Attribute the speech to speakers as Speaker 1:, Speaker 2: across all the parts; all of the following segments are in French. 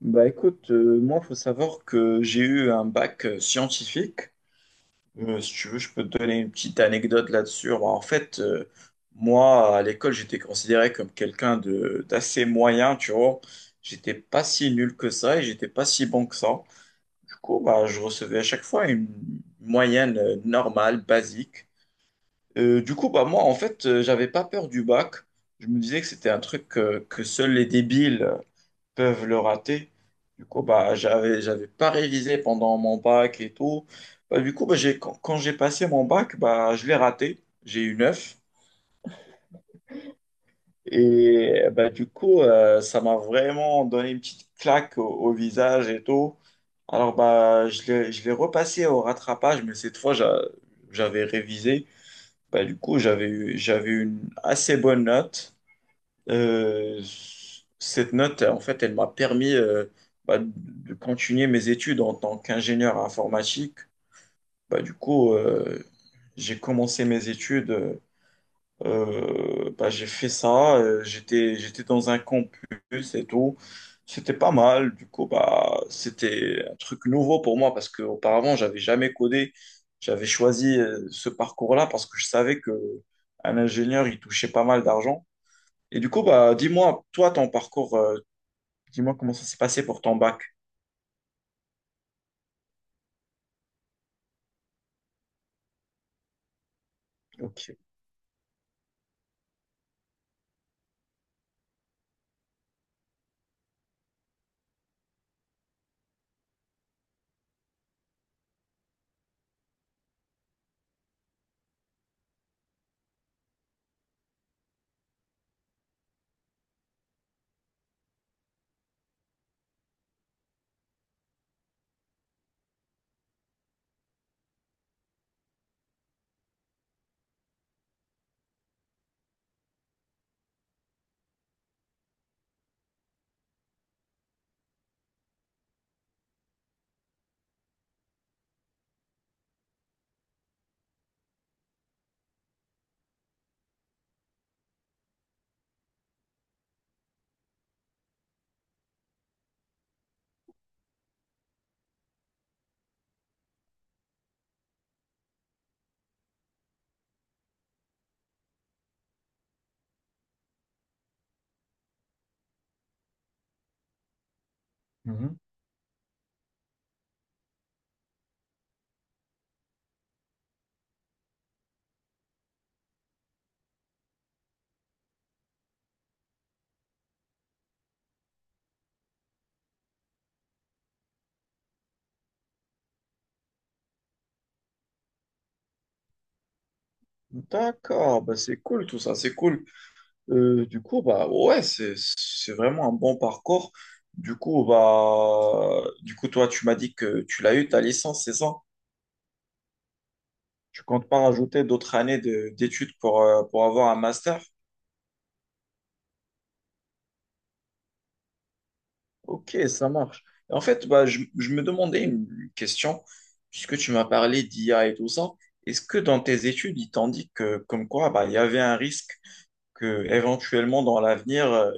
Speaker 1: Bah écoute, moi, faut savoir que j'ai eu un bac scientifique. Si tu veux, je peux te donner une petite anecdote là-dessus. Alors, en fait, moi, à l'école, j'étais considéré comme quelqu'un de d'assez moyen, tu vois. J'étais pas si nul que ça et j'étais pas si bon que ça. Du coup, bah, je recevais à chaque fois une moyenne normale, basique. Du coup, bah moi, en fait, j'avais pas peur du bac. Je me disais que c'était un truc que seuls les débiles peuvent le rater. Du coup, bah, j'avais pas révisé pendant mon bac et tout. Bah, du coup, quand j'ai passé mon bac, bah, je l'ai raté. J'ai eu 9. Et bah, du coup, ça m'a vraiment donné une petite claque au visage et tout. Alors, bah, je l'ai repassé au rattrapage, mais cette fois, j'avais révisé. Bah, du coup, j'avais eu une assez bonne note. Euh, cette note, en fait, elle m'a permis bah, de continuer mes études en tant qu'ingénieur informatique. Bah, du coup, j'ai commencé mes études, bah, j'ai fait ça, j'étais dans un campus et tout. C'était pas mal, du coup, bah, c'était un truc nouveau pour moi parce qu'auparavant, j'avais jamais codé. J'avais choisi ce parcours-là parce que je savais que un ingénieur, il touchait pas mal d'argent. Et du coup, bah, dis-moi, toi, ton parcours, dis-moi comment ça s'est passé pour ton bac. Ok. Mhm. D'accord, bah c'est cool tout ça, c'est cool. Du coup, bah ouais, c'est vraiment un bon parcours. Du coup, bah du coup, toi, tu m'as dit que tu l'as eu ta licence, c'est ça? Tu comptes pas rajouter d'autres d'études pour avoir un master? Ok, ça marche. En fait, bah, je me demandais une question, puisque tu m'as parlé d'IA et tout ça. Est-ce que dans tes études, ils t'ont dit que, comme quoi, bah, il y avait un risque que, éventuellement, dans l'avenir,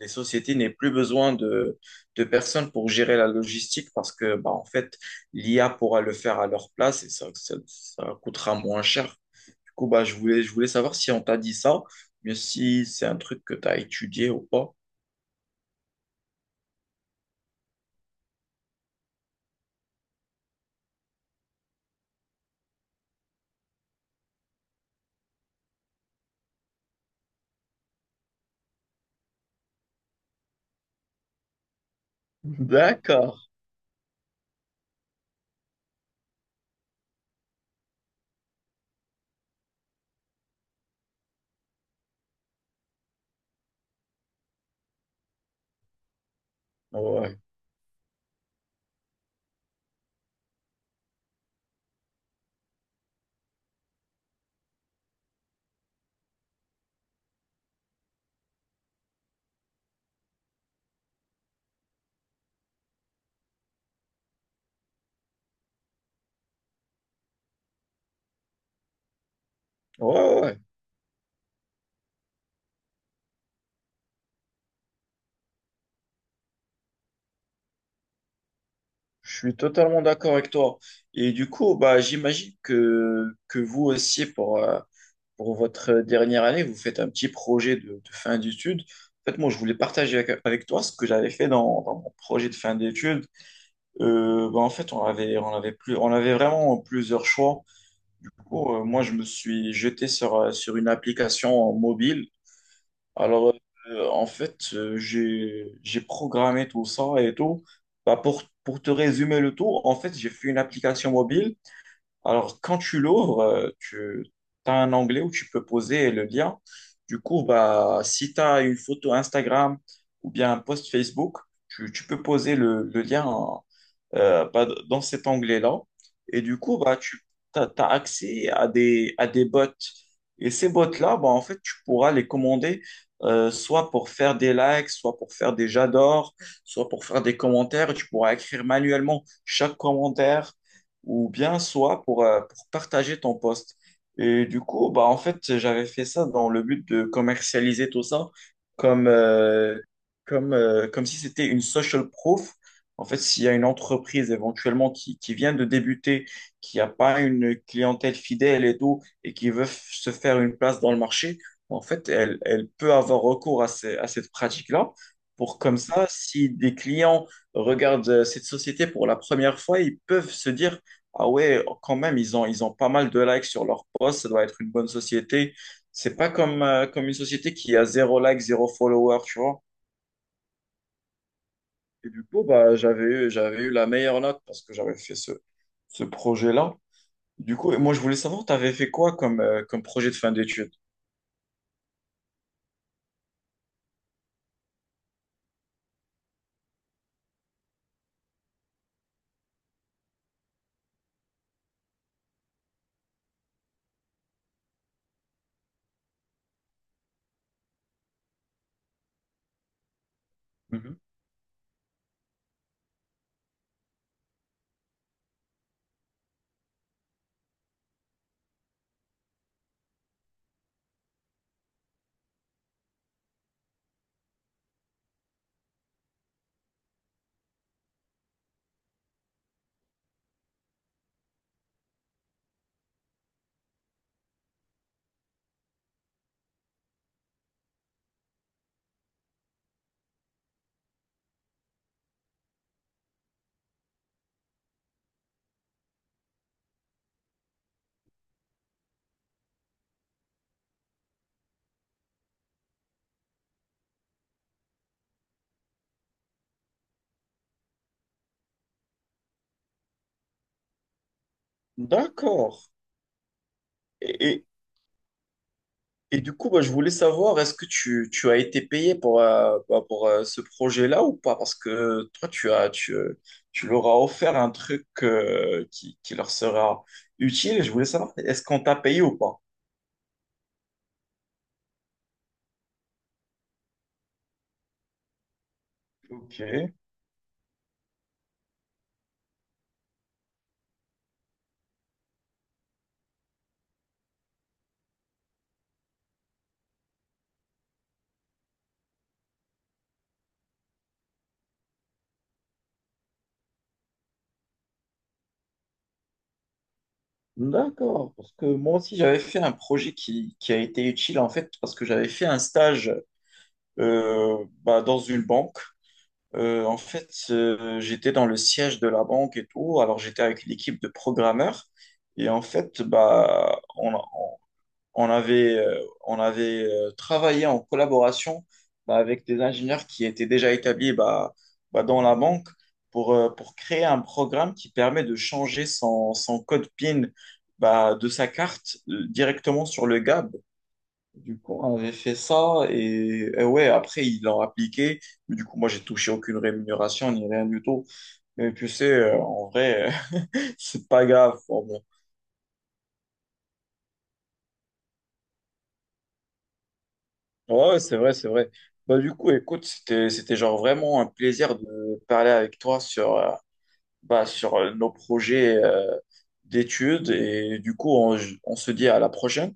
Speaker 1: les sociétés n'aient plus besoin de personnes pour gérer la logistique parce que, bah, en fait, l'IA pourra le faire à leur place et ça coûtera moins cher. Du coup, bah, je voulais savoir si on t'a dit ça, mais si c'est un truc que tu as étudié ou pas. D'accord. Ouais. Ouais, ouais, ouais. Je suis totalement d'accord avec toi. Et du coup, bah, j'imagine que vous aussi, pour votre dernière année, vous faites un petit projet de fin d'études. En fait, moi, je voulais partager avec toi ce que j'avais fait dans mon projet de fin d'études. Bah, en fait, on avait vraiment plusieurs choix. Du coup, moi, je me suis jeté sur, sur une application mobile. Alors, en fait, j'ai programmé tout ça et tout. Bah, pour te résumer le tout, en fait, j'ai fait une application mobile. Alors, quand tu l'ouvres, tu as un onglet où tu peux poser le lien. Du coup, bah, si tu as une photo Instagram ou bien un post Facebook, tu peux poser le lien bah, dans cet onglet-là. Et du coup, bah, tu as accès à des bots. Et ces bots-là, bah, en fait, tu pourras les commander soit pour faire des likes, soit pour faire des j'adore, soit pour faire des commentaires. Tu pourras écrire manuellement chaque commentaire ou bien soit pour partager ton post. Et du coup, bah, en fait, j'avais fait ça dans le but de commercialiser tout ça comme, euh, comme si c'était une social proof en fait, s'il y a une entreprise éventuellement qui vient de débuter, qui n'a pas une clientèle fidèle et tout, et qui veut se faire une place dans le marché, en fait, elle, elle peut avoir recours à cette pratique-là pour comme ça, si des clients regardent cette société pour la première fois, ils peuvent se dire, ah ouais, quand même, ils ont pas mal de likes sur leur post, ça doit être une bonne société. C'est pas comme, comme une société qui a zéro like, zéro follower, tu vois. Et du coup, bah, j'avais eu la meilleure note parce que j'avais fait ce projet-là. Du coup, et moi, je voulais savoir, tu avais fait quoi comme, comme projet de fin d'études? Mhm. D'accord. Et, et, et du coup, bah, je voulais savoir, est-ce que tu as été payé pour, pour ce projet-là ou pas? Parce que toi, tu leur as offert un truc qui leur sera utile. Et je voulais savoir, est-ce qu'on t'a payé ou pas? Ok. D'accord, parce que moi aussi j'avais fait un projet qui a été utile en fait parce que j'avais fait un stage bah, dans une banque. En fait, j'étais dans le siège de la banque et tout, alors j'étais avec l'équipe de programmeurs et en fait bah, on avait, euh, on avait travaillé en collaboration bah, avec des ingénieurs qui étaient déjà établis bah, dans la banque pour créer un programme qui permet de changer son code PIN bah, de sa carte directement sur le GAB. Du coup, on avait fait ça et ouais, après, ils l'ont appliqué. Mais du coup, moi, j'ai touché aucune rémunération ni rien du tout. Mais tu sais, en vrai, c'est pas grave. Ouais, ouais, c'est vrai, c'est vrai. Bah, du coup, écoute, c'était genre vraiment un plaisir de parler avec toi sur, sur nos projets d'études. Et du coup, on se dit à la prochaine.